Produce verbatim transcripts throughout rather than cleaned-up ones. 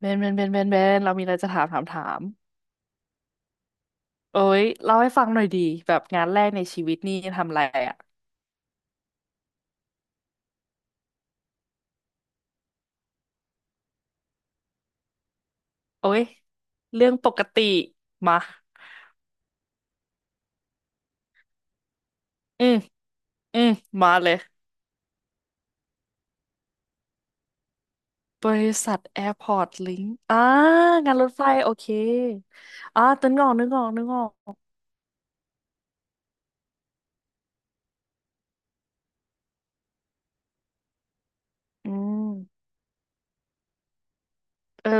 เบนเบนเบนเบนเบนเรามีอะไรจะถามถามถามโอ้ยเล่าให้ฟังหน่อยดีแบบงานแรกในชีวิตนี่ทำอะไรอ่ะโอ้ยเรื่องปกติมาอืมอืมมาเลยบริษัทแอร์พอร์ตลิงก์อ่างานรถไฟโอเคอ่าตึนงอกนึกออกนึกออกอืมเออ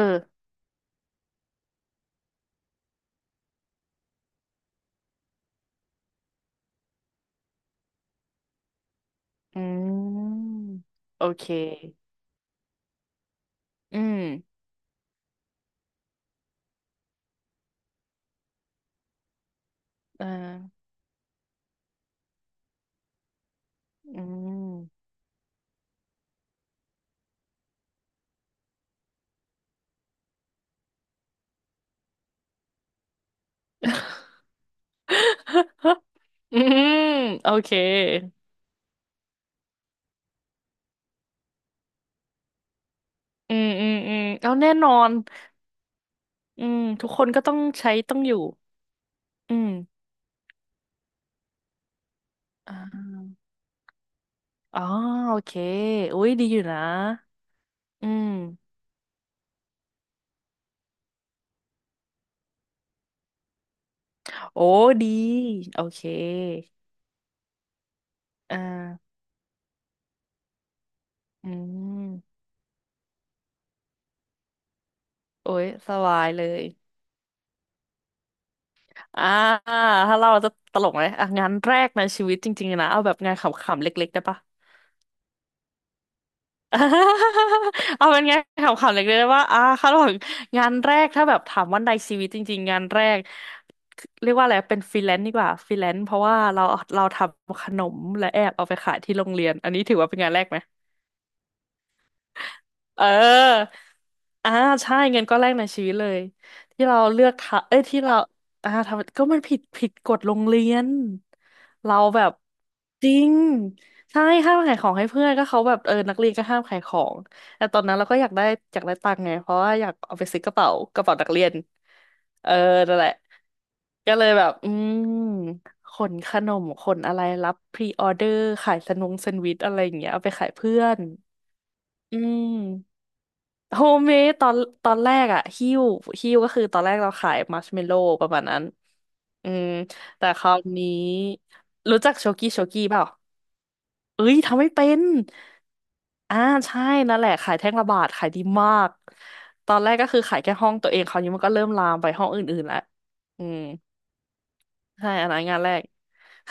อืมโอเคอืมเอออืม อืมโอเคอืมอืมอืมเอาแน่นอน อืมทุกคนก็ต้องใช้ต้องอยู่อืมอ่าอ๋อโอเคอุ้ยดีอยู่นะอืมโอ้ดีโอเคอ่าอืมโอ้ยสบายเลยอ่าถ้าเราจะตลกไหมอ่ะงานแรกในชีวิตจริงๆนะเอาแบบงานขำๆเล็กๆได้ปะ อ่าเอาเป็นไงขำๆเล็กๆว่าอ่าคาดหวังงานแรกถ้าแบบถามว่าในชีวิตจริงๆงานแรกเรียกว่าอะไรเป็นฟรีแลนซ์ดีกว่าฟรีแลนซ์เพราะว่าเราเราทำขนมและแอบเอาไปขายที่โรงเรียนอันนี้ถือว่าเป็นงานแรกไหม เอออ่าใช่เงินก้อนแรกในชีวิตเลยที่เราเลือกทำเอ้ยที่เราอ่าทำก็มันผิดผิดกฎโรงเรียนเราแบบจริงใช่ห้ามขายของให้เพื่อนก็เขาแบบเออนักเรียนก็ห้ามขายของแต่ตอนนั้นเราก็อยากได้อยากได้ตังค์ไงเพราะว่าอยากเอาไปซื้อกระเป๋ากระเป๋านักเรียนเออนั่นแหละก็เลยแบบอืมขนขนมขนอะไรรับพรีออเดอร์ขายสนุงแซนด์วิชอะไรอย่างเงี้ยเอาไปขายเพื่อนอืม โฮมเมดตอนตอนแรกอะฮิ้วฮิ้วก็คือตอนแรกเราขายมัชเมลโล่ประมาณนั้นอืมแต่คราวนี้รู้จักโชกี้โชกี้เปล่าเอ้ยทำไม่เป็นอ่าใช่นั่นแหละขายแท่งละบาทขายดีมากตอนแรกก็คือขายแค่ห้องตัวเองคราวนี้มันก็เริ่มลามไปห้องอื่นๆแล้วอืมใช่อันนั้นงานแรก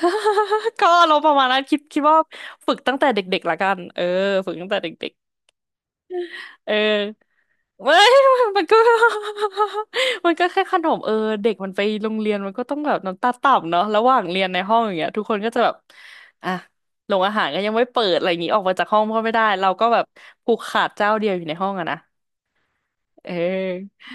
ก็อารมณ์ประมาณนั้นคิดคิดว่าฝึกตั้งแต่เด็กๆละกันเออฝึกตั้งแต่เด็ก เออ ไมมันก็ มันก็แค่ขนมเออเด็กมันไปโรงเรียนมันก็ต้องแบบน้ำตาต่ำเนาะระหว่างเรียนในห้องอย่างเงี้ยทุกคนก็จะแบบอ่ะโรงอาหารก็ยังไม่เปิดอะไรอย่างงี้ออกมาจากห้องก็ไม่ได้เราก็แบบผูกขาดเจ้าเดียวอยู่ในห้องอะนะเออ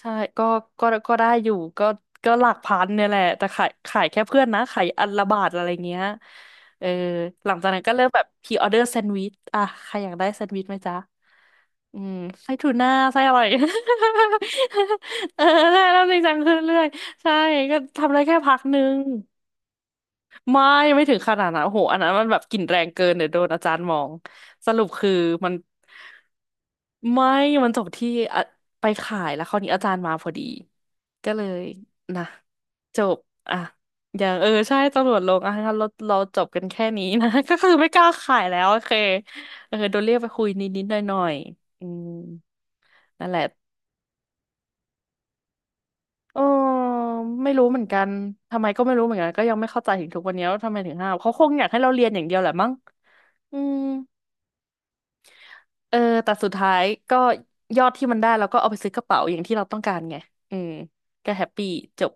ใช่ก็ก็ก็ได้อยู่ก็ก็หลักพันเนี่ยแหละแต่ขายขายแค่เพื่อนนะขายอันละบาทอะไรเงี้ยเออหลังจากนั้นก็เริ่มแบบพรีออเดอร์แซนด์วิชอ่ะใครอยากได้แซนด์วิชไหมจ๊ะอืมไส้ทูน่าไส้อะไร เออได้แล้วจริงจังขึ้นเรื่อยใช่ก็ทำได้แค่พักหนึ่งไม่ไม่ถึงขนาดนั้นโอ้โหอันนั้นมันแบบกลิ่นแรงเกินเดี๋ยวโดนอาจารย์มองสรุปคือมัน ไม่มันจบที่อ่ะไปขายแล้วคราวนี้อาจารย์มาพอดีก็เลยนะจบอ่ะอย่างเออใช่ตำรวจลงอ่ะงั้นเราเราจบกันแค่นี้นะ ก็คือไม่กล้าขายแล้วโอเคเออโดนเรียกไปคุยนิดนิดหน่อยหน่อยๆอืมนั่นแหละเออไม่รู้เหมือนกันทำไมก็ไม่รู้เหมือนกันก็ยังไม่เข้าใจถึงทุกวันนี้ว่าทำไมถึงห้ามเขาคงอยากให้เราเรียนอย่างเดียวแหละมั้งอืม เออ แต่สุดท้ายก็ยอดที่มันได้เราก็เอาไปซื้อกระเป๋าอย่างที่เราต้องการไงอืมก็แฮปปี้จบ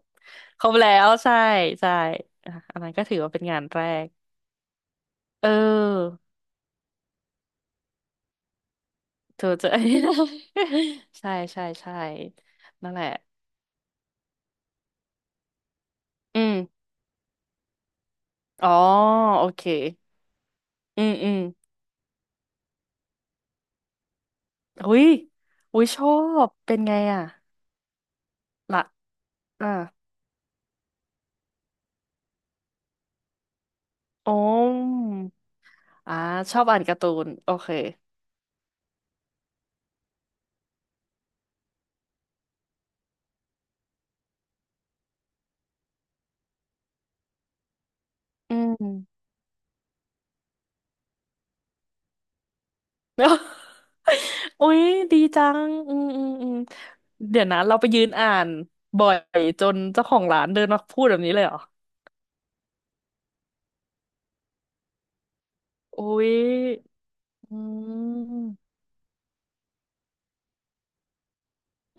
ครบแล้วใช่ใช่อ่ะอันนั้นก็ถือว่าเป็นงานแรก เออเธอเจอ ใช่ใช่ใช่นั่นแหละ อืมอ๋อโอเค อืม อืม อุ้ย อุ้ยชอบเป็นไงอ่ะละอ่ะโอ้มอ่าชอบอ่านการ์ตูน โอเค อืม โอ้ยดีจังอืมอืมอืมเดี๋ยวนะเราไปยืนอ่านบ่อยจนเจ้าของร้านเดินมาพูดแบบนี้เลยเหรอโอ้ยอืม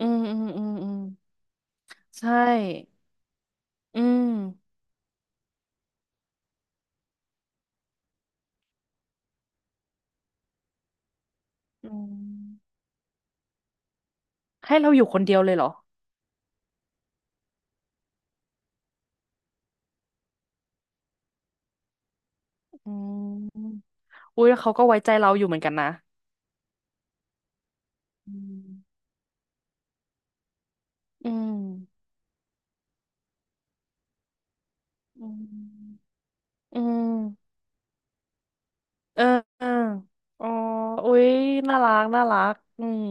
อืมอืมอืมอืมใช่อืมอืมให้เราอยู่คนเดียวเลยเหรออืมอุ้ยแล้วเขาก็ไว้ใจเราอยู่เหมือนกันนะอืมอืมอืมอืมเออเอออ๋ออุ้ยน่ารักน่ารักอืม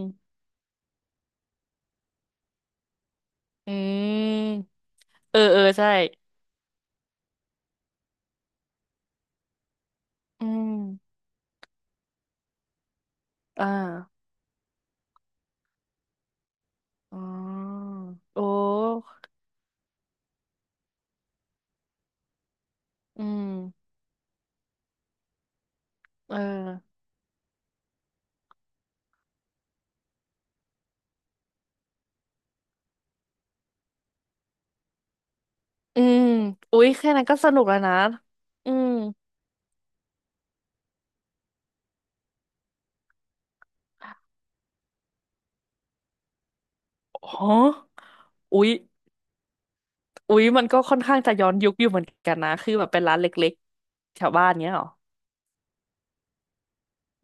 อืม เออ เออใช่ อืมอ่าอ๋อโอ้อืมเอออืมอุ๊ยแค่นั้นก็สนุกแล้วนะ อืมฮออุ๊ยอุ๊ยมันก็ค่อนข้างจะย้อนยุคอยู่เหมือนกันนะ คือแบบเป็นร้านเล็กๆแถวบ้านเนี้ยเหรอ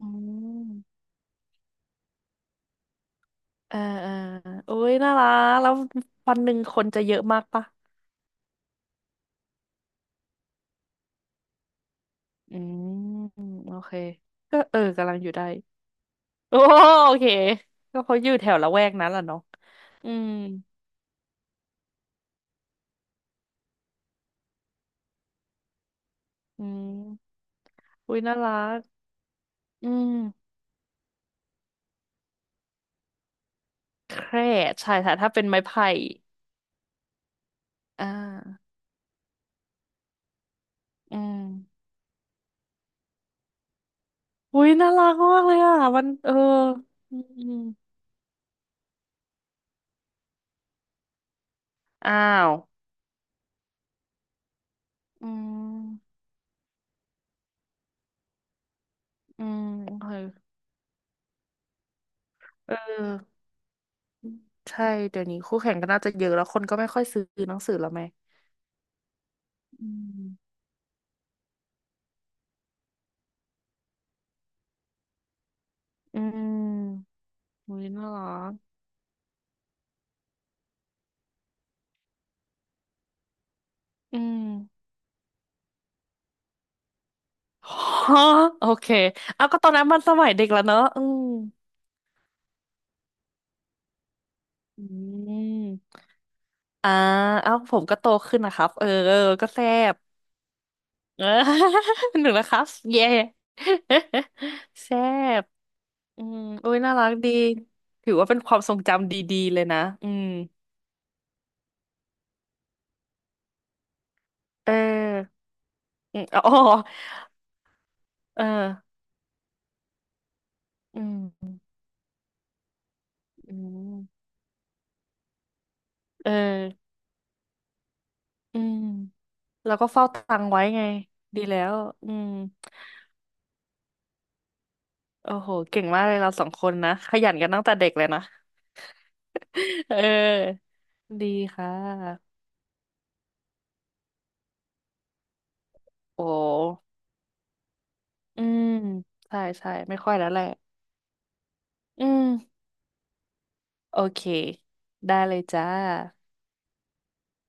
อืมเออเออโอ้ยน่ารักแล้ววันหนึ่งคนจะเยอะมากปะอืมโอเคก็เออ กำลังอยู่ได้โอ้โอเคก็เขาอยู่แถวละแวกนั้นแหละเนาะอืม อืมอุ้ยน่ารักอืมแคร่ใช่ค่ะถ้าเป็นไม้ไผ่อ่าอืมอุ้ยน่ารักมากเลยอ่ะมันเอออืมอืมอ้าวอืมอืมโอเคเออใช่เดี๋ยวนี้คู่แข่งก็น่าจะเยอะแล้วคนก็ไม่ค่อยซื้อหนังสือแล้วไหมอืมอืมอุ้ยน่ารักอืม ฮะโอเคเอาก็ตอนนั้นมันสมัยเด็กแล้วเนอะอืมอืม อ่าเอ้าผมก็โตขึ้นนะครับเออเออก็แซ่บ เออ หนูนะครับเย่ แซ่บอืมอุ้ยน่ารักดีถือว่าเป็นความทรงจำดีๆเลยนะอืมเอออืมอ๋อเอออืมอืมเอออืมแล้วก็เฝ้าตังไว้ไงดีแล้วอืมโอ้โหเก่งมากเลยเราสองคนนะขยันกันตั้งแต่เด็กเลยนะ เออดีค่ะโอ้ อืมใช่ใช่ไม่ค่อยแล้วแหละอืมโอเคได้เลยจ้า